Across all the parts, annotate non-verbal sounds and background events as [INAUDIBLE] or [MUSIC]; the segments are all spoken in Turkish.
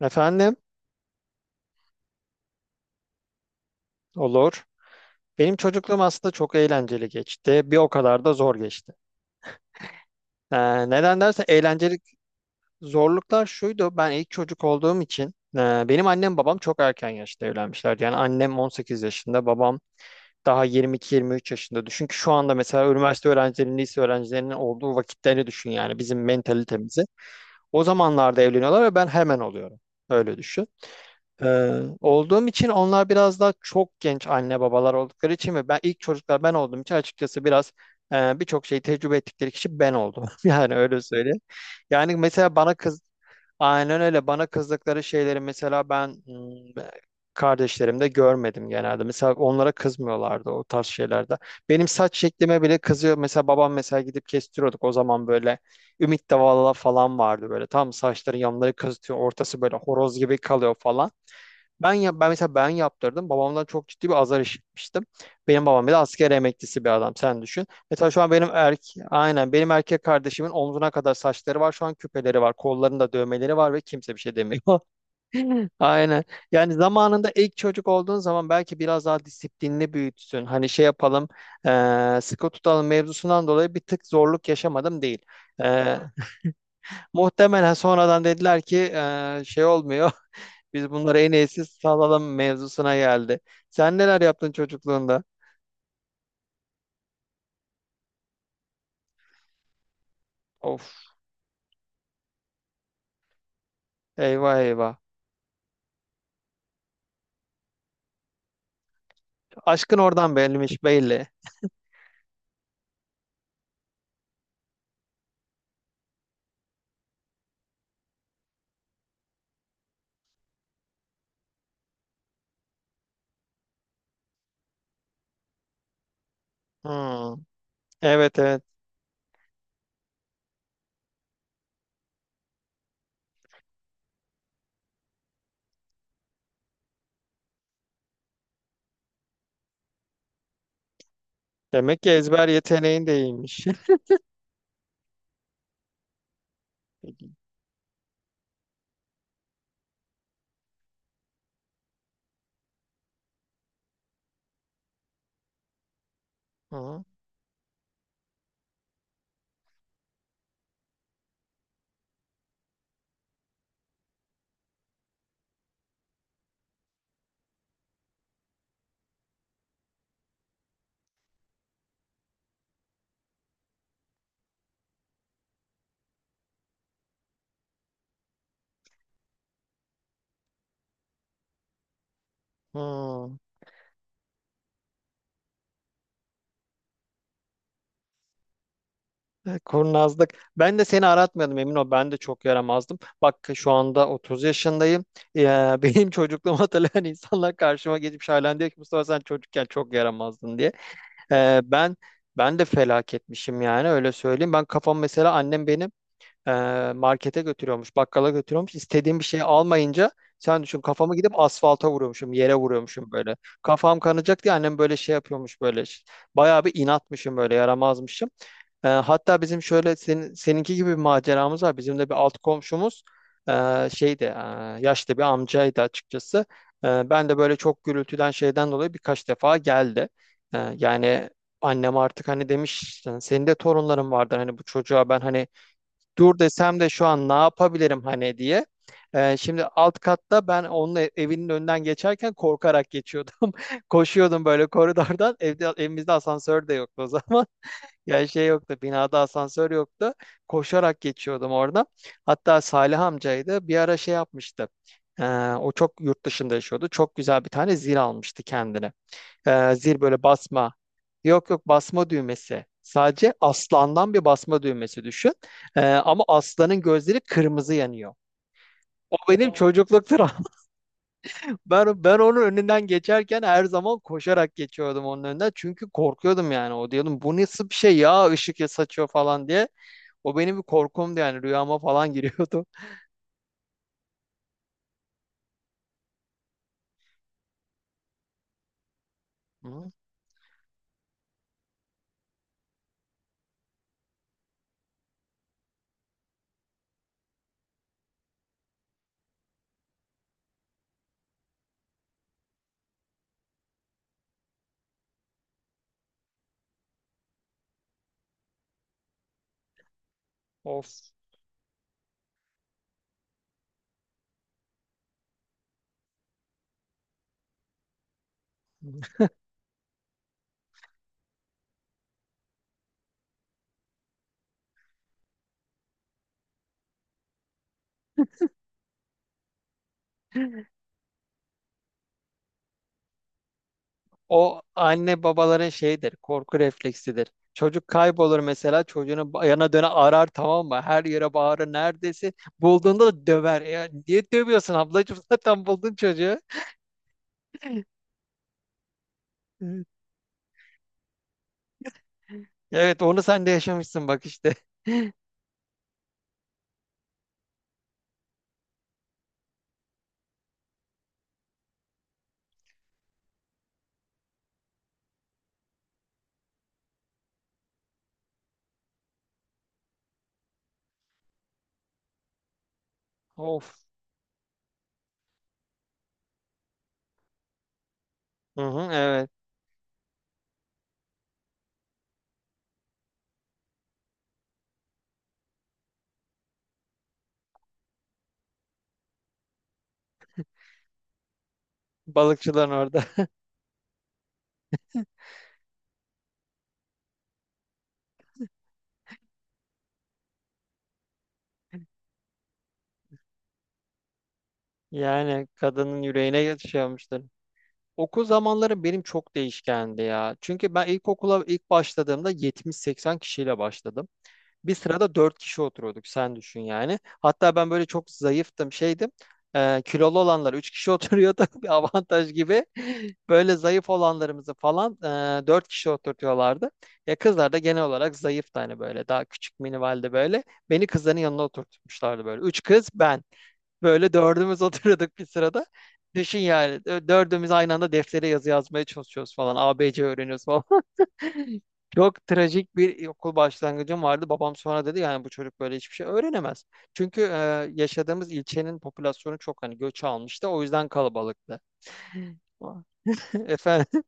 Efendim, olur. Benim çocukluğum aslında çok eğlenceli geçti. Bir o kadar da zor geçti. Neden dersen eğlenceli zorluklar şuydu. Ben ilk çocuk olduğum için e, benim annem babam çok erken yaşta evlenmişlerdi. Yani annem 18 yaşında, babam daha 22-23 yaşında. Düşün ki şu anda mesela üniversite öğrencilerinin, lise öğrencilerinin olduğu vakitlerini düşün yani bizim mentalitemizi. O zamanlarda evleniyorlar ve ben hemen oluyorum. Öyle düşün. Olduğum için onlar biraz daha çok genç anne babalar oldukları için ve ben ilk çocuklar ben olduğum için açıkçası biraz birçok şeyi tecrübe ettikleri kişi ben oldum. [LAUGHS] Yani öyle söyleyeyim. Yani mesela bana kız aynen öyle bana kızdıkları şeyleri mesela ben kardeşlerimde görmedim genelde. Mesela onlara kızmıyorlardı o tarz şeylerde. Benim saç şeklime bile kızıyor. Mesela babam mesela gidip kestiriyorduk o zaman böyle Ümit Davala falan vardı böyle. Tam saçların yanları kızıtıyor. Ortası böyle horoz gibi kalıyor falan. Ben mesela ben yaptırdım. Babamdan çok ciddi bir azar işitmiştim. Benim babam bile asker emeklisi bir adam sen düşün. Mesela şu an benim erk aynen benim erkek kardeşimin omzuna kadar saçları var. Şu an küpeleri var. Kollarında dövmeleri var ve kimse bir şey demiyor. [LAUGHS] Aynen. Yani zamanında ilk çocuk olduğun zaman belki biraz daha disiplinli büyütsün. Hani şey yapalım, sıkı tutalım mevzusundan dolayı bir tık zorluk yaşamadım değil. Eee, muhtemelen sonradan dediler ki şey olmuyor. Biz bunları en iyisi salalım mevzusuna geldi. Sen neler yaptın çocukluğunda? Of, eyvah eyvah. Aşkın oradan belliymiş belli. Hmm, evet evet. Demek ki ezber yeteneğin de iyiymiş. [LAUGHS] Hı, hı. Kurnazlık. Ben de seni aratmıyordum emin ol. Ben de çok yaramazdım. Bak şu anda 30 yaşındayım. Ya, [LAUGHS] benim çocukluğumu hatırlayan insanlar karşıma geçip halen diyor ki Mustafa sen çocukken çok yaramazdın diye. Ee, ben ben de felaketmişim yani öyle söyleyeyim. Ben kafam mesela annem benim e, markete götürüyormuş, bakkala götürüyormuş. İstediğim bir şeyi almayınca sen düşün kafamı gidip asfalta vuruyormuşum, yere vuruyormuşum böyle. Kafam kanacak diye annem böyle şey yapıyormuş böyle. Bayağı bir inatmışım böyle, yaramazmışım. Hatta bizim şöyle senin, seninki gibi bir maceramız var. Bizim de bir alt komşumuz şeydi, yaşlı bir amcaydı açıkçası. Ben de böyle çok gürültüden şeyden dolayı birkaç defa geldi. Yani annem artık hani demiş "Sen- senin de torunların vardır hani bu çocuğa ben hani dur desem de şu an ne yapabilirim hani diye. Şimdi alt katta ben onun ev- evinin önünden geçerken korkarak geçiyordum. [LAUGHS] Koşuyordum böyle koridordan. Evde, evimizde asansör de yoktu o zaman. [LAUGHS] Yani şey yoktu, binada asansör yoktu. Koşarak geçiyordum orada. Hatta Salih amcaydı. Bir ara şey yapmıştı. Ee, o çok yurt dışında yaşıyordu. Çok güzel bir tane zil almıştı kendine. Zil böyle basma. Yok yok basma düğmesi. Sadece aslandan bir basma düğmesi düşün. Ama aslanın gözleri kırmızı yanıyor. O benim Aa. Çocukluk travmam. [LAUGHS] Ben onun önünden geçerken her zaman koşarak geçiyordum onun önünden. Çünkü korkuyordum yani. O diyordum bu nasıl bir şey ya ışık ya saçıyor falan diye. O benim bir korkumdu yani rüyama falan giriyordu. [LAUGHS] Hı. Of. O anne babaların şeyidir, korku refleksidir. Çocuk kaybolur mesela çocuğunu ba- yana döne arar tamam mı? Her yere bağırır neredesin? Bulduğunda da döver. Ya niye dövüyorsun ablacığım? [LAUGHS] Zaten buldun çocuğu. [LAUGHS] Evet, evet, onu sen de yaşamışsın bak işte. Of. Hı hı, evet. Balıkçıların orada. [LAUGHS] Yani kadının yüreğine yatışıyormuştur. Okul zamanları benim çok değişkendi ya. Çünkü ben ilkokula ilk başladığımda 70-80 kişiyle başladım. Bir sırada dört kişi oturuyorduk sen düşün yani. Hatta ben böyle çok zayıftım şeydim. Kilolu olanlar üç kişi oturuyordu [LAUGHS] bir avantaj gibi. Böyle zayıf olanlarımızı falan dört kişi oturtuyorlardı. Ya kızlar da genel olarak zayıftı hani böyle daha küçük minivalde böyle. Beni kızların yanına oturtmuşlardı böyle. Üç kız ben. Böyle dördümüz [LAUGHS] oturuyorduk bir sırada. Düşün yani dö- dördümüz aynı anda deftere yazı yazmaya çalışıyoruz falan. A B C öğreniyoruz falan. Çok trajik bir okul başlangıcım vardı. Babam sonra dedi yani bu çocuk böyle hiçbir şey öğrenemez. Çünkü yaşadığımız ilçenin popülasyonu çok hani göç almıştı. O yüzden kalabalıktı. [LAUGHS] Efendim.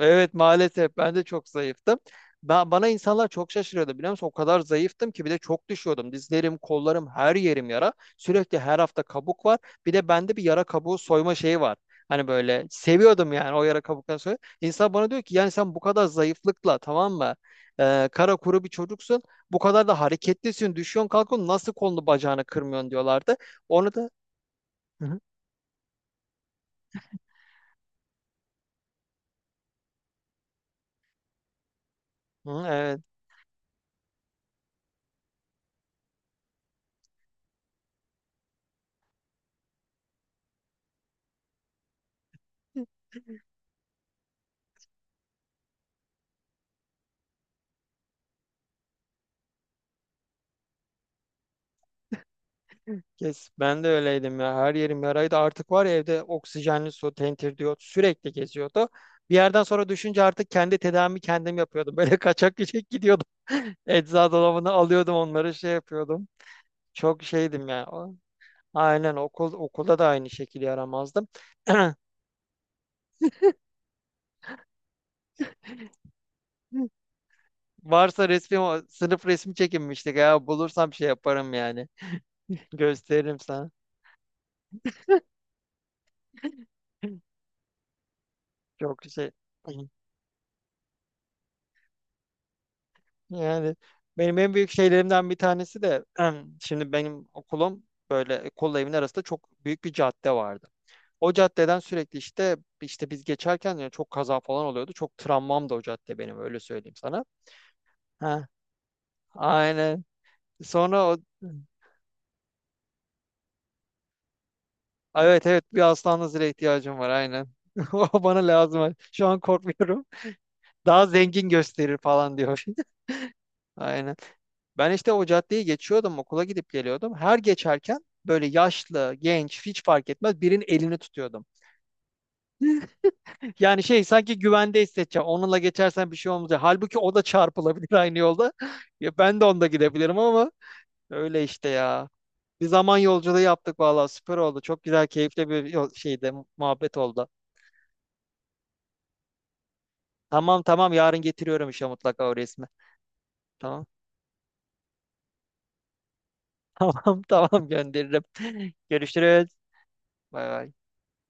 Evet, maalesef ben de çok zayıftım. Ben, bana insanlar çok şaşırıyordu biliyor musun? O kadar zayıftım ki bir de çok düşüyordum. Dizlerim, kollarım, her yerim yara. Sürekli her hafta kabuk var. Bir de bende bir yara kabuğu soyma şeyi var. Hani böyle seviyordum yani o yara kabuklarını soy. İnsan bana diyor ki yani sen bu kadar zayıflıkla tamam mı? Kara kuru bir çocuksun. Bu kadar da hareketlisin. Düşüyorsun kalkıyorsun. Nasıl kolunu bacağını kırmıyorsun diyorlardı. Onu da hı hı. Hı, evet. Kes. Ben de öyleydim ya. Her yerim yaraydı. Artık var ya evde oksijenli su, tentir diyor. Sürekli geziyordu. Bir yerden sonra düşünce artık kendi tedavimi kendim yapıyordum. Böyle [LAUGHS] kaçak göçek gidiyordum. Eczacı dolabını alıyordum onları şey yapıyordum. Çok şeydim ya. O- aynen okul okulda da aynı şekilde yaramazdım. [CLEARS THROAT] Varsa resmi o sınıf resmi çekinmiştik ya. Bulursam şey yaparım yani. [LAUGHS] Gösteririm sana. Çok şey. Yani benim en büyük şeylerimden bir tanesi de [CLEARS THROAT] şimdi benim okulum böyle kolla evin arasında çok büyük bir cadde vardı. O caddeden sürekli işte biz geçerken yani çok kaza falan oluyordu. Çok travmam da o cadde benim öyle söyleyeyim sana. Ha, aynen. Sonra o ay, evet evet bir aslan nazire ihtiyacım var aynen. [LAUGHS] O bana lazım. Şu an korkmuyorum. Daha zengin gösterir falan diyor. [LAUGHS] Aynen. Ben işte o caddeyi geçiyordum, okula gidip geliyordum. Her geçerken böyle yaşlı, genç hiç fark etmez birinin elini tutuyordum. Yani şey sanki güvende hissedeceğim. Onunla geçersen bir şey olmayacak. Halbuki o da çarpılabilir aynı yolda. [LAUGHS] Ya ben de onda gidebilirim ama öyle işte ya. Bir zaman yolculuğu yaptık vallahi süper oldu. Çok güzel, keyifli bir yol- şeydi, muhabbet oldu. Tamam tamam yarın getiriyorum işte mutlaka o resmi. Tamam. [LAUGHS] Tamam tamam gönderirim. Görüşürüz. Bay bay.